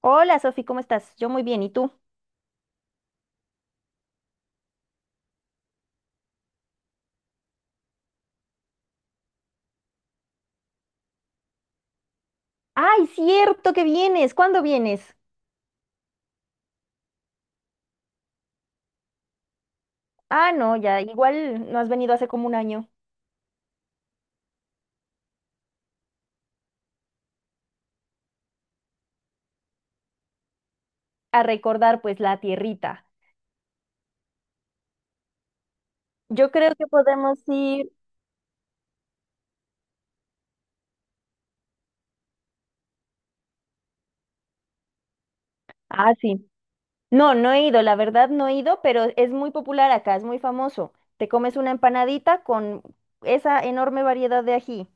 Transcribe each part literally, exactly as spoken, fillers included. Hola, Sofi, ¿cómo estás? Yo muy bien, ¿y tú? ¡Ay, cierto que vienes! ¿Cuándo vienes? Ah, no, ya, igual no has venido hace como un año a recordar pues la tierrita. Yo creo que podemos ir. Ah, sí. No, no he ido, la verdad no he ido, pero es muy popular acá, es muy famoso. Te comes una empanadita con esa enorme variedad de ají.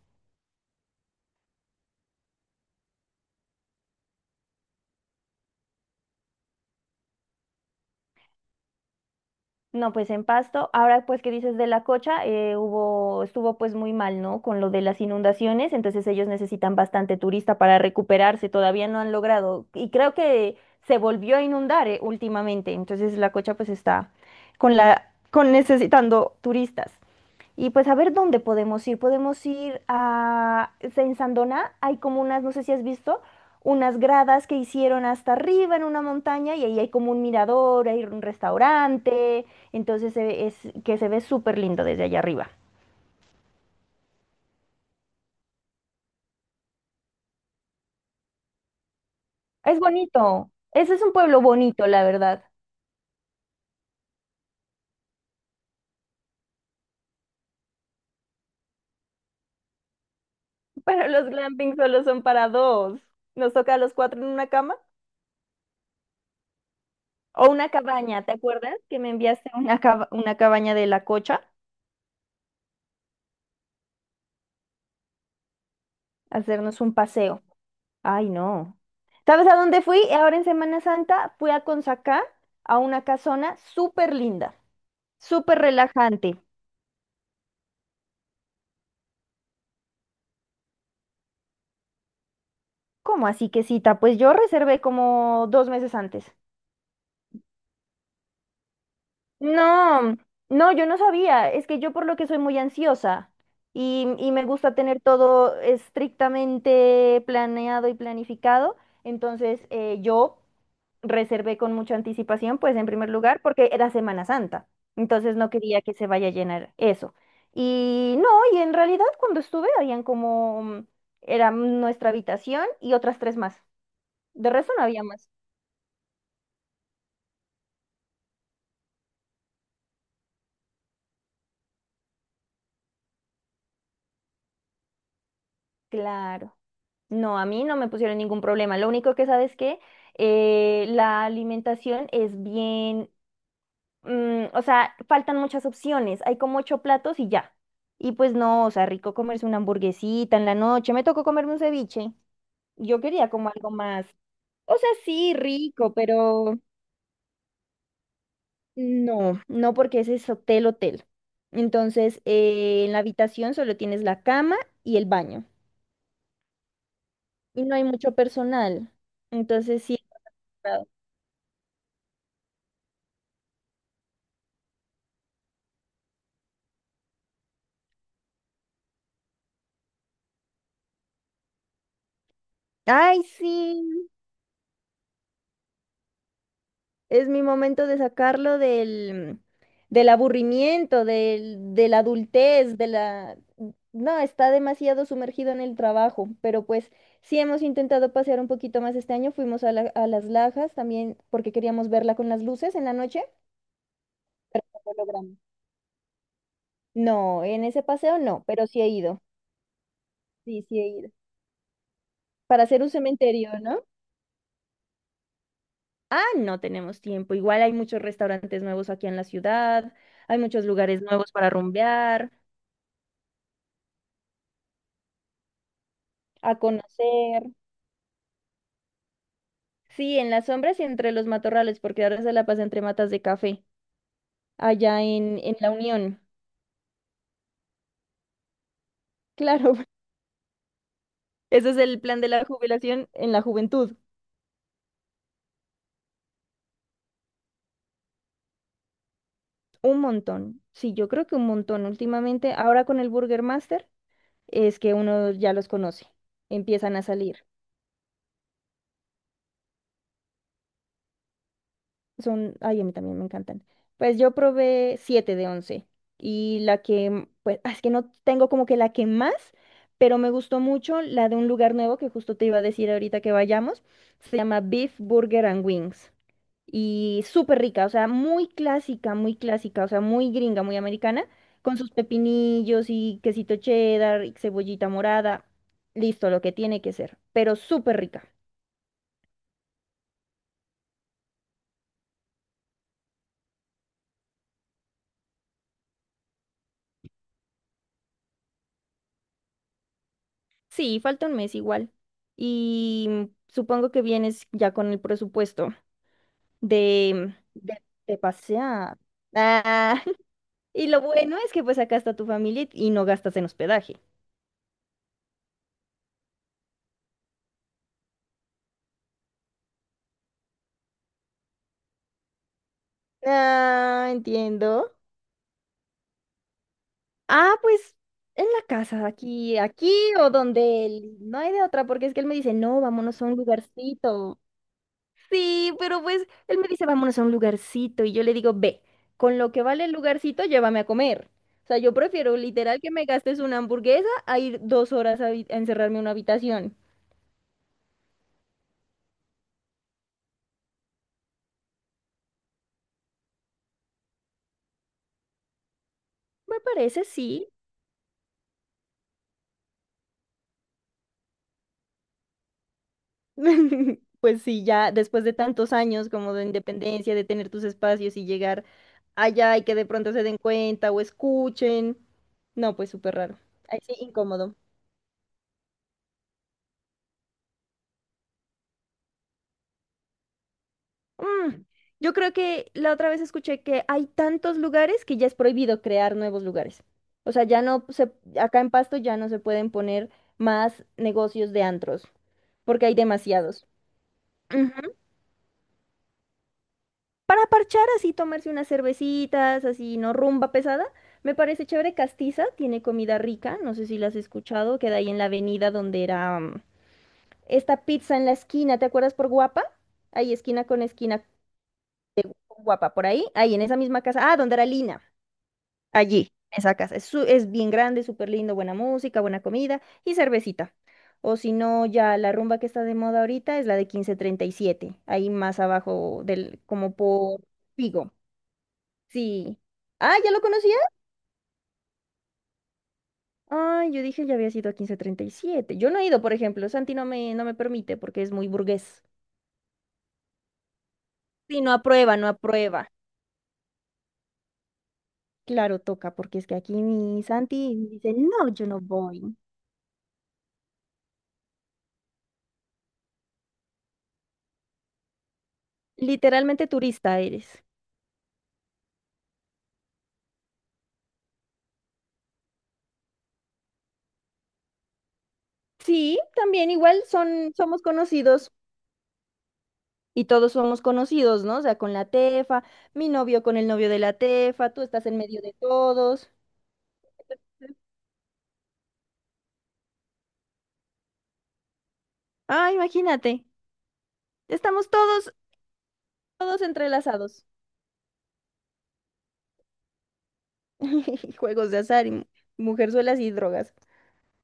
No, pues en Pasto. Ahora, pues, ¿que dices de la Cocha? Eh, hubo, estuvo pues muy mal, ¿no? Con lo de las inundaciones, entonces ellos necesitan bastante turista para recuperarse, todavía no han logrado. Y creo que se volvió a inundar, eh, últimamente, entonces la Cocha pues está con la, con necesitando turistas. Y pues a ver dónde podemos ir. Podemos ir a, pues, en Sandona hay como unas, no sé si has visto, unas gradas que hicieron hasta arriba en una montaña y ahí hay como un mirador, hay un restaurante, entonces se- es que se ve súper lindo desde allá arriba. Es bonito. Ese es un pueblo bonito, la verdad. Pero los glampings solo son para dos. Nos toca a los cuatro en una cama. O una cabaña, ¿te acuerdas que me enviaste una, caba- una cabaña de la Cocha? Hacernos un paseo. Ay, no. ¿Sabes a dónde fui? Ahora en Semana Santa fui a Consacá, a una casona súper linda, súper relajante. ¿Cómo así que cita? Pues yo reservé como dos meses antes. No, no, yo no sabía. Es que yo por lo que soy muy ansiosa y, y me gusta tener todo estrictamente planeado y planificado. Entonces, eh, yo reservé con mucha anticipación, pues en primer lugar, porque era Semana Santa, entonces no quería que se vaya a llenar eso. Y no, y en realidad cuando estuve habían como, mm, era nuestra habitación y otras tres más. De resto no había más. Claro. No, a mí no me pusieron ningún problema. Lo único que sabes que eh, la alimentación es bien, mm, o sea, faltan muchas opciones. Hay como ocho platos y ya. Y pues no, o sea, rico comerse una hamburguesita en la noche. Me tocó comerme un ceviche. Yo quería como algo más, o sea, sí, rico, pero no, no porque ese es hotel, hotel. Entonces, eh, en la habitación solo tienes la cama y el baño. Y no hay mucho personal. Entonces, sí. He encontrado- Ay, sí. Es mi momento de sacarlo del, del aburrimiento, del, de la adultez, de la. No, está demasiado sumergido en el trabajo, pero pues sí hemos intentado pasear un poquito más este año. Fuimos a, la- a Las Lajas también porque queríamos verla con las luces en la noche. No lo logramos. No, en ese paseo no, pero sí he ido. Sí, sí he ido. Para hacer un cementerio, ¿no? Ah, no tenemos tiempo. Igual hay muchos restaurantes nuevos aquí en la ciudad, hay muchos lugares nuevos para rumbear, a conocer. Sí, en las sombras y entre los matorrales, porque ahora se la pasa entre matas de café, allá en, en la Unión. Claro, ese es el plan de la jubilación en la juventud. Un montón. Sí, yo creo que un montón. Últimamente, ahora con el Burger Master, es que uno ya los conoce, empiezan a salir. Son, ay, a mí también me encantan. Pues yo probé siete de once y la que, m- pues, ah, es que no tengo como que la que más, pero me gustó mucho la de un lugar nuevo que justo te iba a decir ahorita que vayamos. Se llama Beef Burger and Wings y súper rica, o sea, muy clásica, muy clásica, o sea, muy gringa, muy americana, con sus pepinillos y quesito cheddar y cebollita morada. Listo, lo que tiene que ser, pero súper rica. Sí, falta un mes igual. Y mm, supongo que vienes ya con el presupuesto de, de, de pasear. Ah, y lo bueno es que pues acá está tu familia y no gastas en hospedaje. Ah, entiendo. Ah, pues en la casa, aquí, aquí o donde él. No hay de otra, porque es que él me dice, no, vámonos a un lugarcito. Sí, pero pues él me dice, vámonos a un lugarcito. Y yo le digo, ve, con lo que vale el lugarcito, llévame a comer. O sea, yo prefiero literal que me gastes una hamburguesa a ir dos horas a, habi- a encerrarme en una habitación. Me parece, sí. Pues sí, ya después de tantos años como de independencia, de tener tus espacios y llegar allá y que de pronto se den cuenta o escuchen. No, pues súper raro. Ahí sí, incómodo. Mm, yo creo que la otra vez escuché que hay tantos lugares que ya es prohibido crear nuevos lugares. O sea, ya no se, acá en Pasto ya no se pueden poner más negocios de antros, porque hay demasiados. Ujú. Para parchar así, tomarse unas cervecitas, así, no rumba pesada, me parece chévere. Castiza tiene comida rica, no sé si la has escuchado, queda ahí en la avenida donde era mm, esta pizza en la esquina, ¿te acuerdas por Guapa? Ahí esquina con esquina con Guapa, por ahí, ahí en esa misma casa, ah, donde era Lina. Allí, esa casa. Es, su- es bien grande, súper lindo, buena música, buena comida y cervecita. O si no, ya la rumba que está de moda ahorita es la de quince treinta y siete ahí más abajo del, como por Pigo. Sí. Ah, ¿ya lo conocía? Ay, yo dije ya había sido a quince treinta y siete. Yo no he ido, por ejemplo. Santi no me, no me permite porque es muy burgués. Sí, no aprueba, no aprueba. Claro, toca, porque es que aquí mi Santi dice, no, yo no voy. Literalmente turista eres. Sí, también igual son, somos conocidos y todos somos conocidos, ¿no? O sea, con la Tefa, mi novio con el novio de la Tefa, tú estás en medio de todos. Ah, imagínate, estamos todos, todos entrelazados. Juegos de azar y mujerzuelas y drogas.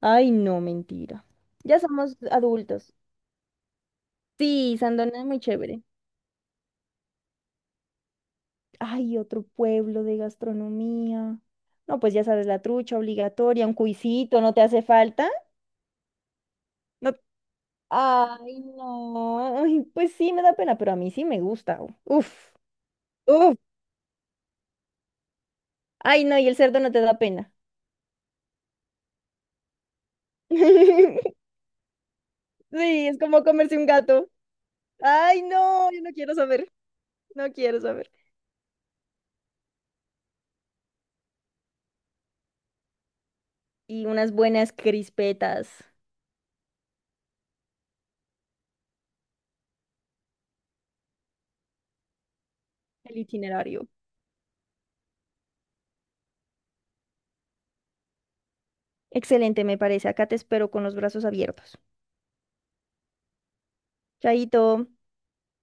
Ay, no, mentira. Ya somos adultos. Sí, Sandona es muy chévere. Ay, otro pueblo de gastronomía. No, pues ya sabes, la trucha obligatoria, un cuisito, ¿no te hace falta? ¿No? Ay, no. Ay, pues sí, me da pena, pero a mí sí me gusta. Uf, uf. Ay, no, y el cerdo no te da pena. Sí, es como comerse un gato. Ay, no, yo no quiero saber, no quiero saber. Y unas buenas crispetas. El itinerario. Excelente, me parece. Acá te espero con los brazos abiertos. Chaito.